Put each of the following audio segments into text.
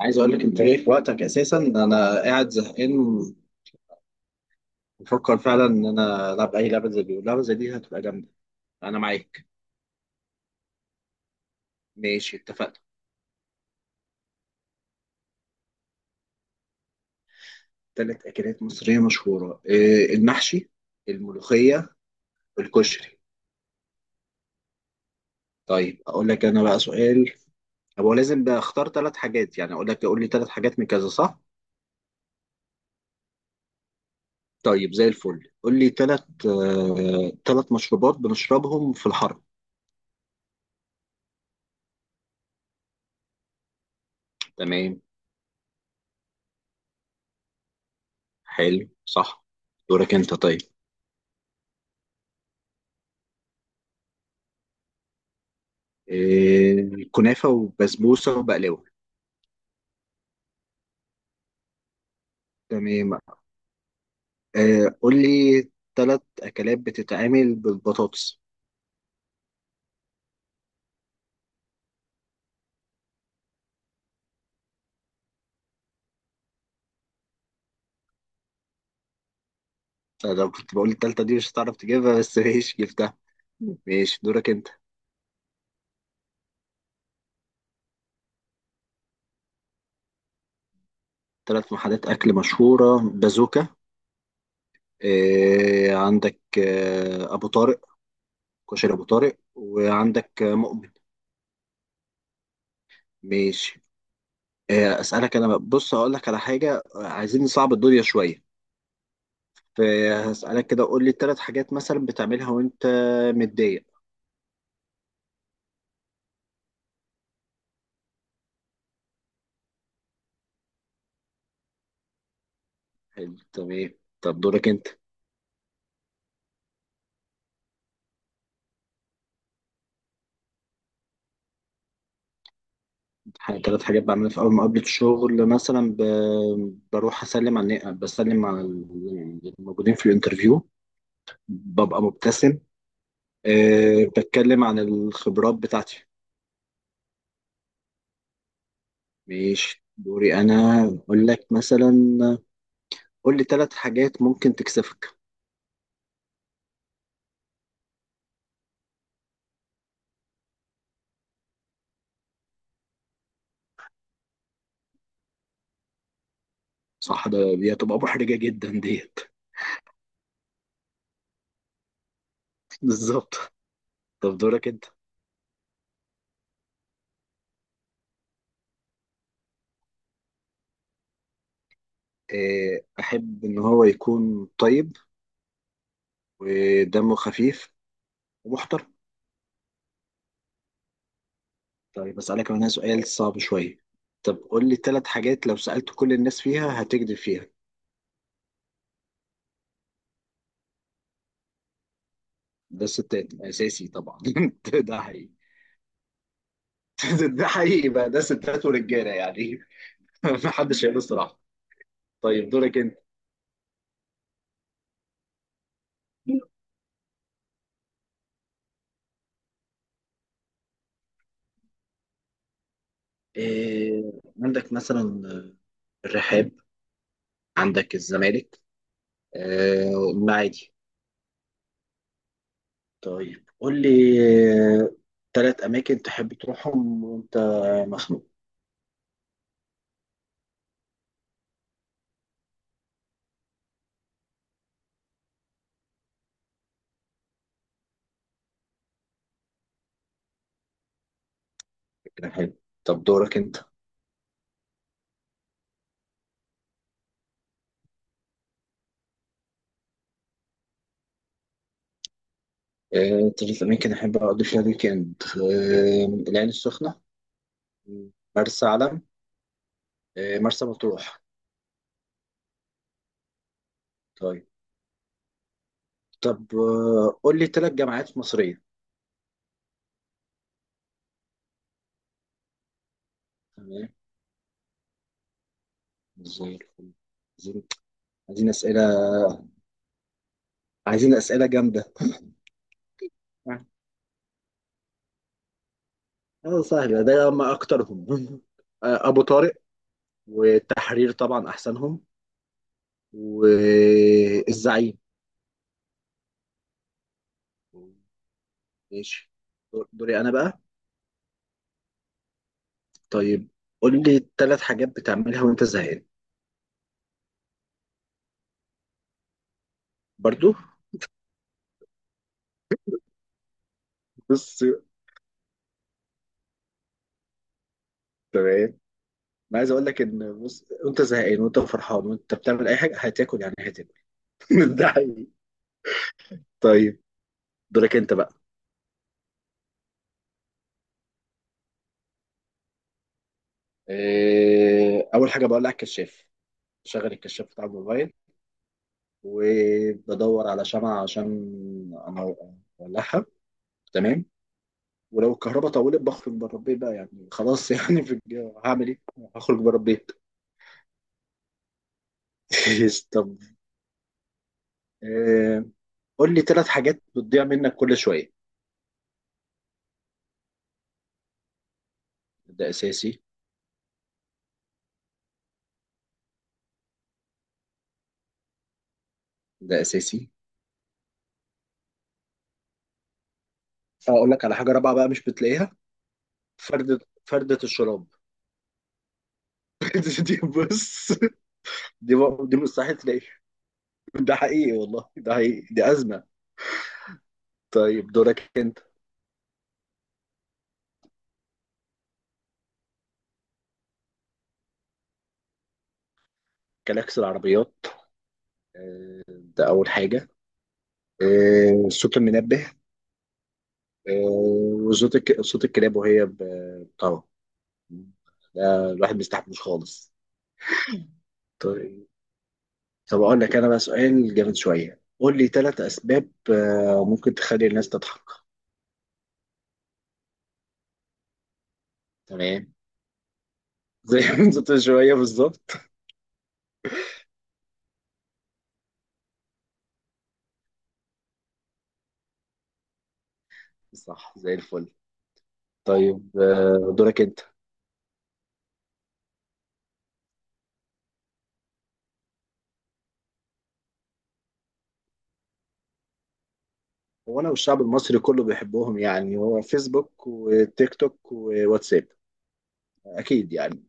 عايز اقول لك، انت جاي في وقتك اساسا. انا قاعد زهقان، بفكر فعلا ان انا العب اي لعبه زي دي، واللعبه زي دي هتبقى جامده. انا معاك. ماشي اتفقنا. ثلاث اكلات مصريه مشهوره المحشي، الملوخيه، الكشري. طيب اقول لك انا بقى سؤال. هو لازم بقى اختار ثلاث حاجات؟ يعني اقول لك قول لي ثلاث حاجات من كذا، صح؟ طيب زي الفل. قول لي ثلاث مشروبات بنشربهم في الحر. تمام. حلو صح. دورك انت. طيب، كنافة وبسبوسة وبقلاوة. تمام. قول لي ثلاث أكلات بتتعمل بالبطاطس. أنا لو كنت بقول التالتة دي مش هتعرف تجيبها، بس ماشي جبتها. ماشي دورك أنت. ثلاث محلات أكل مشهورة: بازوكا، عندك أبو طارق، كشري أبو طارق، وعندك مؤمن. ماشي. أسألك أنا بص، هقول لك على حاجة. عايزين نصعب الدنيا شوية. فهسألك كده، قول لي ثلاث حاجات مثلا بتعملها وأنت متضايق. حلو. طب ايه، طب دورك انت. تلات حاجات بعملها في اول مقابلة الشغل مثلا بروح اسلم على بسلم على الموجودين في الانترفيو. ببقى مبتسم. بتكلم عن الخبرات بتاعتي. ماشي دوري انا. اقول لك مثلا، قول لي تلات حاجات ممكن تكسفك. صح، دي هتبقى محرجة جدا ديت. بالظبط. طب دورك انت. أه، احب ان هو يكون طيب، ودمه خفيف، ومحترم. طيب أسألك هنا سؤال صعب شوية. طب قول لي ثلاث حاجات لو سألت كل الناس فيها هتكذب فيها. ده ستات أساسي طبعا. ده حقيقي. ده حقيقي بقى، ده ستات ورجالة يعني. ما حدش هيقول الصراحة. طيب دورك أنت. إيه، عندك مثلا الرحاب، عندك الزمالك، المعادي. طيب قول لي ثلاث أماكن تحب تروحهم وأنت مخنوق. كده حلو. طب دورك أنت. تلات أماكن أحب أقضي فيها ويكند: العين السخنة، مرسى علم، مرسى مطروح. طيب. طب قول لي تلات جامعات مصرية. تمام. زي الفل. عايزين عايزين أسئلة عايزين أسئلة جامدة. اه سهلة، ده ما أكترهم. أبو طارق، والتحرير طبعا أحسنهم، والزعيم. ماشي. دوري أنا بقى. طيب قول لي تلات حاجات بتعملها وأنت زهقان. برضو. بص، تمام. انا عايز اقول لك ان بص، وانت زهقان وانت فرحان وانت بتعمل اي حاجه هتاكل، يعني هتاكل. ده حقيقي. طيب دورك انت بقى. إيه، اول حاجه بقول لك كشاف. شغل الكشاف بتاع الموبايل. وبدور على شمعة عشان انا اولعها. تمام. ولو الكهرباء طولت بخرج بره البيت بقى، يعني خلاص. يعني هعمل ايه؟ هخرج بره البيت. طب إيه، قول لي ثلاث حاجات بتضيع منك كل شويه. ده اساسي. ده اساسي. اقول لك على حاجه رابعه بقى مش بتلاقيها: فرده فرده الشراب. دي بص، دي دي مستحيل تلاقيها. ده حقيقي، والله ده حقيقي، دي ازمه. طيب دورك انت. كلاكس العربيات، ده اول حاجه. صوت المنبه. آه، صوت الكلاب وهي طبعا، ده الواحد ما يستحملوش خالص. طيب. طب اقول لك انا بقى سؤال جامد شويه: قول لي ثلاث اسباب ممكن تخلي الناس تضحك. تمام. زي ما انت شويه بالظبط. صح زي الفل. طيب دورك انت. هو انا والشعب المصري كله بيحبهم، يعني هو فيسبوك وتيك توك وواتساب، اكيد يعني.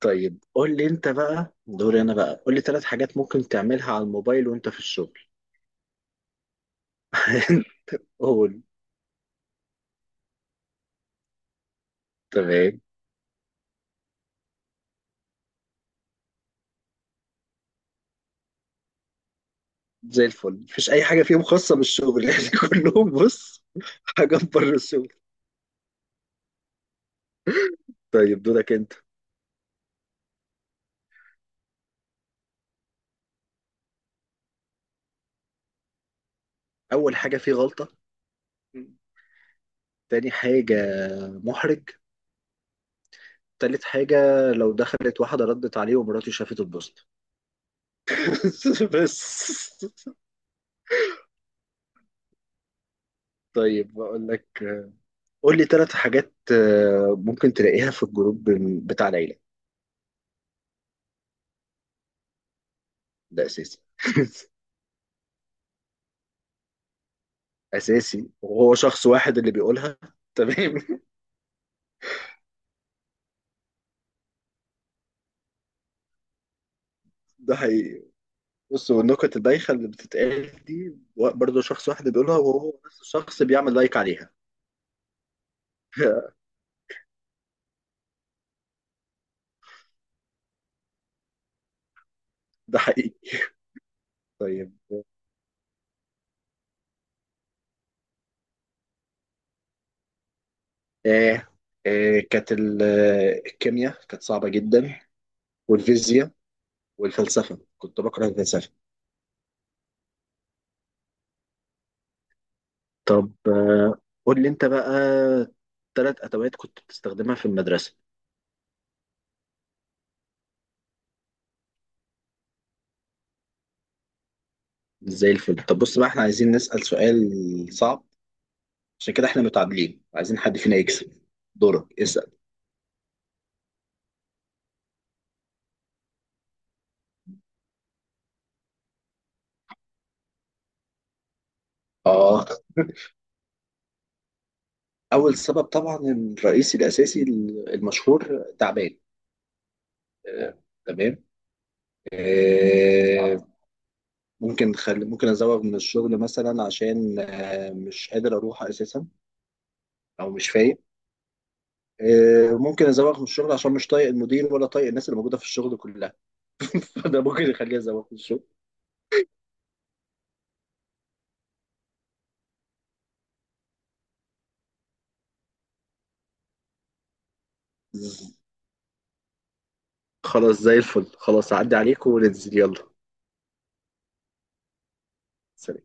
طيب قول لي انت بقى، دوري انا بقى. قول لي ثلاث حاجات ممكن تعملها على الموبايل وانت في الشغل. قول. تمام. زي الفل، مفيش اي حاجه فيهم خاصه بالشغل يعني. كلهم بص، حاجه بره الشغل. طيب دورك انت. اول حاجه، فيه غلطه. تاني حاجه، محرج. تالت حاجة، لو دخلت واحدة ردت عليه ومراته شافت البوست. بس. طيب بقول لك، قول لي ثلاث حاجات ممكن تلاقيها في الجروب بتاع العيلة. ده أساسي. أساسي، وهو شخص واحد اللي بيقولها. تمام. ده حقيقي. بص، والنكت البايخة اللي بتتقال دي، برضه شخص واحد اللي بيقولها، وهو نفس الشخص بيعمل لايك عليها. ده حقيقي. طيب. آه. الكيمياء كانت صعبة جدا، والفيزياء، والفلسفة كنت بكره الفلسفة. طب قول لي انت بقى ثلاث ادوات كنت بتستخدمها في المدرسة. زي الفل. طب بص بقى، احنا عايزين نسأل سؤال صعب، عشان كده احنا متعادلين، عايزين حد فينا يكسب. دورك اسأل. اه. اول سبب طبعا، الرئيسي الاساسي المشهور: تعبان. آه، تمام. آه، ممكن ازوغ من الشغل مثلا عشان مش قادر اروح اساسا، او مش فايق. ممكن ازوغ من الشغل عشان مش طايق المدير ولا طايق الناس اللي موجوده في الشغل كلها. فده ممكن يخليني ازوغ من الشغل. خلاص زي الفل، خلاص اعدي عليكم وننزل يلا. سلام.